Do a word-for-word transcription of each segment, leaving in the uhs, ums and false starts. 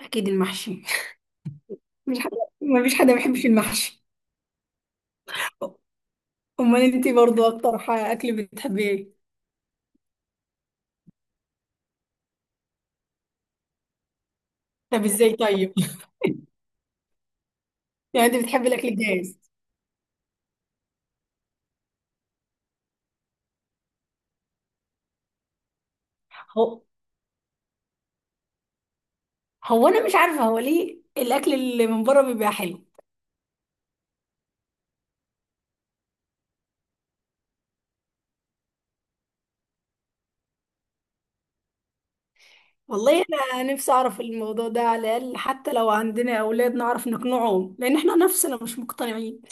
اكيد المحشي. مفيش حد مفيش حد ما بيحبش المحشي. امال انت برضو اكتر ح- اكل بتحبيه ايه؟ طب ازاي؟ طيب يعني انت بتحبي الاكل الجاهز؟ هو هو انا مش عارفه هو ليه الاكل اللي من بره بيبقى حلو. والله، انا نفسي اعرف الموضوع ده، على الاقل حتى لو عندنا اولاد نعرف نقنعهم، لان احنا نفسنا مش مقتنعين.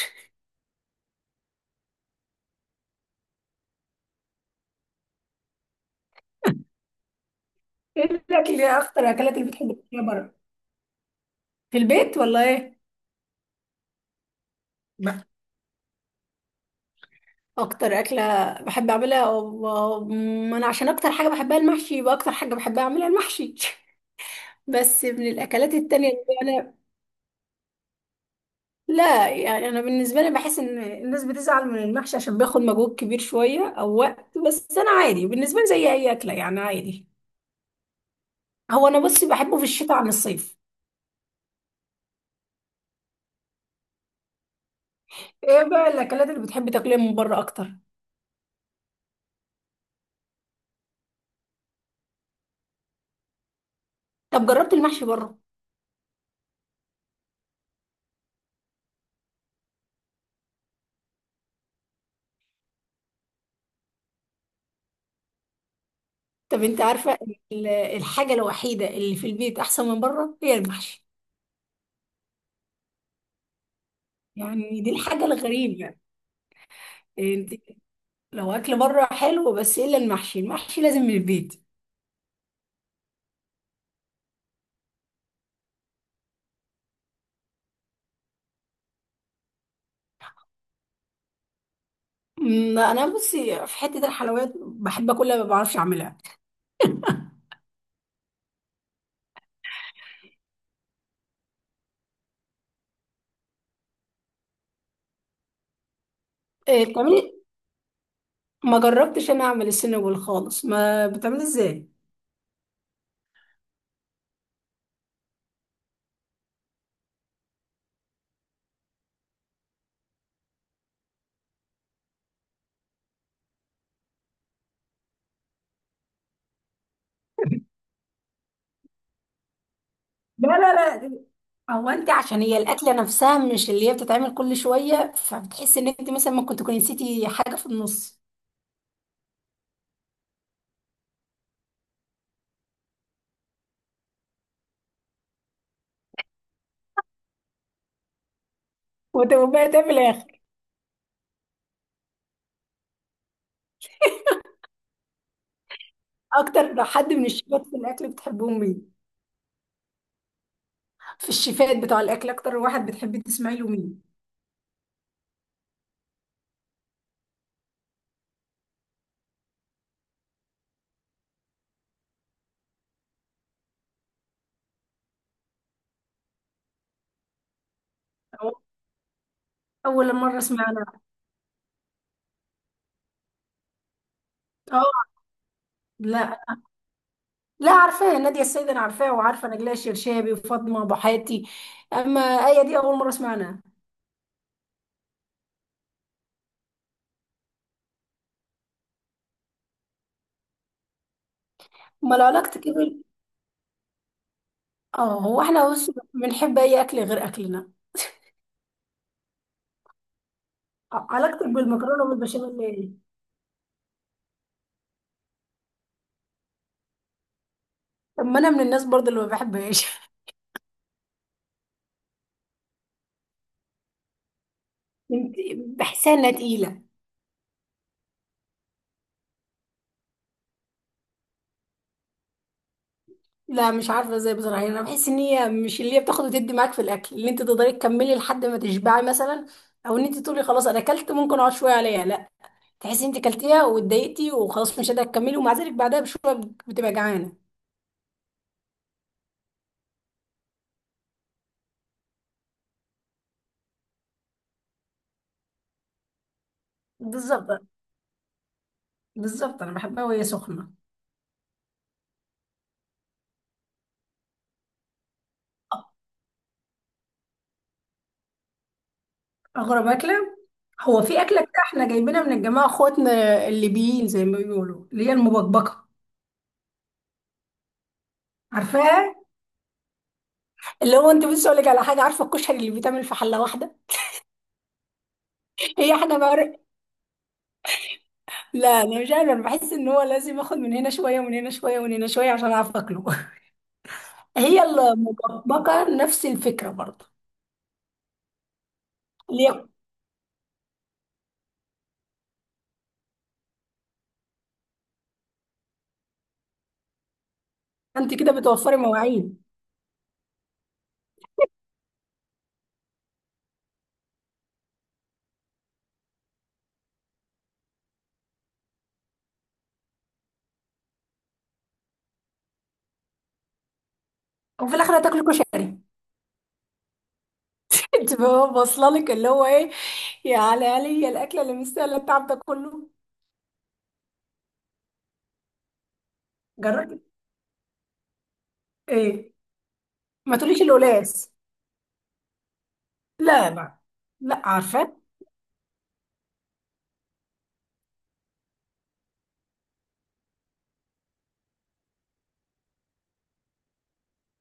ايه الاكل؟ ايه اكتر الاكلات اللي بتحب تاكلها بره؟ في البيت ولا ايه؟ اكتر اكله بحب اعملها و- ما انا عشان اكتر حاجه بحبها المحشي، يبقى اكتر حاجه بحب اعملها المحشي بس من الاكلات التانية اللي انا، لا يعني انا بالنسبه لي بحس ان الناس بتزعل من المحشي عشان بياخد مجهود كبير شويه او وقت، بس انا عادي بالنسبه لي زي اي اكله يعني، عادي. هو انا بصي بحبه في الشتاء عن الصيف. ايه بقى الاكلات اللي بتحبي تاكليها من بره اكتر؟ طب جربت المحشي بره؟ طب انت عارفه، ال- الحاجه الوحيده اللي في البيت احسن من بره هي المحشي، يعني دي الحاجه الغريبه. انت، لو اكل بره حلو، بس ايه الا المحشي؟ المحشي لازم من البيت. أمم، انا بصي في حته الحلويات بحب اكلها ما بعرفش اعملها. إيه بتعملي؟ ما جربتش انا اعمل السنجول خالص، ما بتعملي ازاي؟ لا، لا، لا، هو انت عشان هي الاكله نفسها مش اللي هي بتتعمل كل شويه، فبتحسي ان انت مثلا ممكن تكوني نسيتي حاجه في النص وتبقى ده في الاخر. اكتر حد من الشيفات في الاكل بتحبهم مين؟ في الشيفات بتوع الاكل اكتر واحد بتحبي تسمعي له مين؟ أو- اول مره اسمعنا. اه، لا، لا عارفاه نادية السيد، انا عارفاها وعارفه نجلاء الشرشابي وفاطمه ابو حاتي. اما ايه دي اول مره اسمعنا. امال علاقتك إيه بال، اه هو احنا بص بنحب اي اكل غير اكلنا. آه، علاقتك بالمكرونه والبشاميل ايه؟ طب ما انا من الناس برضه اللي ما بحبهاش انت- بحسها انها تقيله. لا، مش عارفه ازاي بصراحه، يعني انا بحس ان هي مش اللي هي بتاخد وتدي معاك في الاكل، اللي انت تقدري تكملي لحد ما تشبعي مثلا، او ان انت تقولي خلاص انا اكلت ممكن اقعد شويه عليها، لا، تحسي انت كلتيها واتضايقتي وخلاص مش قادره تكملي، ومع ذلك بعدها بشويه بتبقى جعانه. بالظبط، بالظبط انا بحبها وهي سخنه. اغرب اكله، هو في اكله كده احنا جايبينها من الجماعه اخواتنا الليبيين، زي ما بيقولوا اللي هي المبكبكه. عارفاها؟ اللي هو، انت بصي اقول لك على حاجه، عارفه الكشري اللي بيتعمل في حله واحده؟ هي حاجه بقى. لا انا مش عارفه، انا بحس ان هو لازم اخد من هنا شويه ومن هنا شويه ومن هنا شويه عشان اعرف اكله هي المبكبكه نفس الفكره برضه. اللي هي انت كده بتوفري مواعين. وفي الاخر هتاكل كشري تبقى هو واصله لك اللي هو ايه، يا على علي الاكله اللي مستاهله التعب ده كله. جربت؟ ايه، ما تقوليش القلاص. لا، لا، لا عارفه.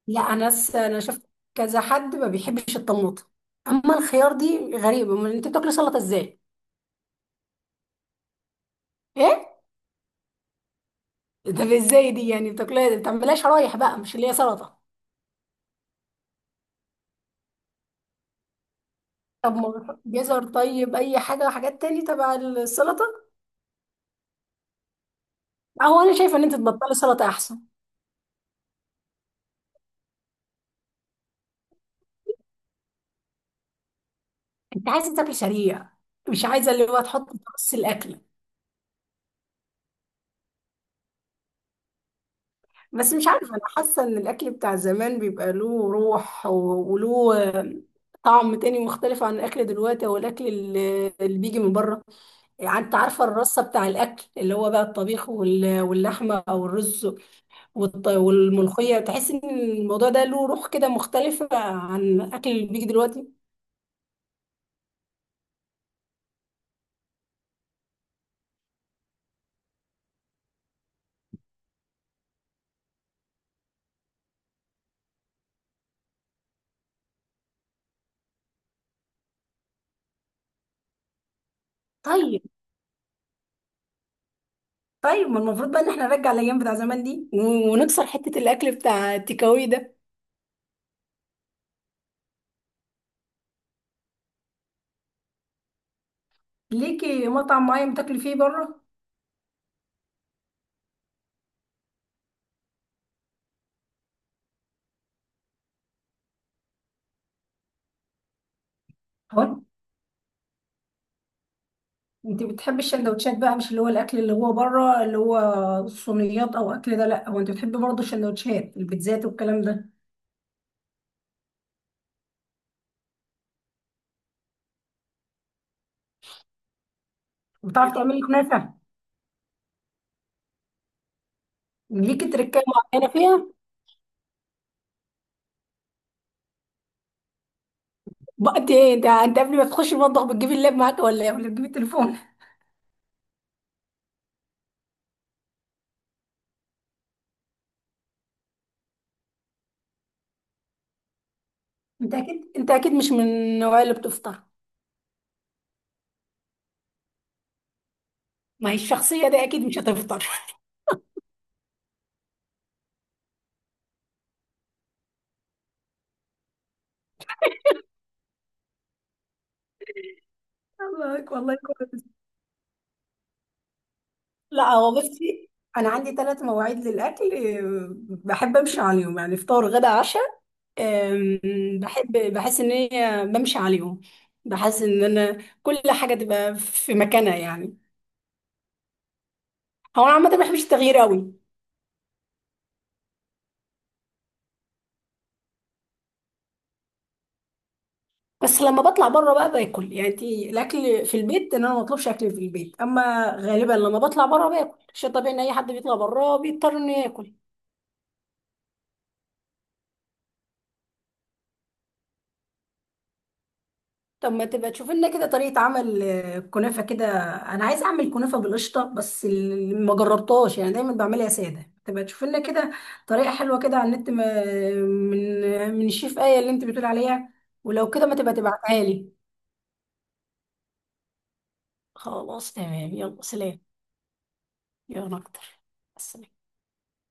لا انا س- انا شفت كذا حد ما بيحبش الطماطم، اما الخيار دي غريبه، امال انت بتاكلي سلطه ازاي؟ ايه؟ ده ازاي؟ دي يعني بتاكليها ما بتعملهاش شرايح بقى مش اللي هي سلطه؟ طب ما جزر؟ طيب اي حاجه، حاجات تاني تبع السلطه. اهو انا شايفه ان انت تبطلي سلطه احسن. انت عايزه تاكل سريع، مش عايزه اللي هو تحط في نص الاكل. بس مش عارفه، انا حاسه ان الاكل بتاع زمان بيبقى له روح و- وله طعم تاني مختلف عن الاكل دلوقتي، او الاكل اللي اللي بيجي من بره. يعني انت عارفه الرصه بتاع الاكل اللي هو بقى الطبيخ وال- واللحمه او الرز والط- والملوخيه، تحس ان الموضوع ده له روح كده مختلفه عن الاكل اللي بيجي دلوقتي. طيب، طيب ما المفروض بقى ان احنا نرجع الايام بتاع زمان دي و- ونكسر حته الاكل بتاع التيكاوي ده. ليكي مطعم معين بتاكلي فيه بره؟ هو انت بتحبي السندوتشات بقى، مش اللي هو الاكل اللي هو بره، اللي هو الصينيات او اكل ده، لا هو انت بتحبي برضه السندوتشات البيتزات والكلام ده. وبتعرفي تعملي كنافه؟ ليكي تركايه معينه فيها؟ بقى انت انت انت قبل ما تخشي المطبخ بتجيبي اللاب معاك ولا ايه، ولا بتجيبي التليفون؟ انت اكيد، انت اكيد مش من النوعيه اللي بتفطر، ما هي الشخصيه دي اكيد مش هتفطر. الله يك- والله كويس. لا هو بصي، انا عندي ثلاث مواعيد للاكل، آه، بحب امشي عليهم يعني فطار غدا عشاء، أم، بحب بحس ان هي بمشي عليهم، بحس ان انا كل حاجه تبقى في مكانها يعني. هو انا عامه ما بحبش التغيير قوي. بس لما بطلع بره بقى باكل، يعني انت الاكل في البيت ان انا ما بطلبش اكل في البيت، اما غالبا لما بطلع بره باكل، شيء طبيعي ان اي حد بيطلع بره بيضطر انه ياكل. طب ما تبقى تشوف لنا كده طريقة عمل آه، كنافة كده. أنا عايزة أعمل كنافة بالقشطة، بس ال- ما جربتهاش، يعني دايما بعملها سادة، تبقى تشوف لنا كده طريقة حلوة كده على النت، ما- من من الشيف آية اللي أنت بتقول عليها، ولو كده ما تبقى تبعتها لي. خلاص تمام، يلا سلام. يلا أكتر، سلام.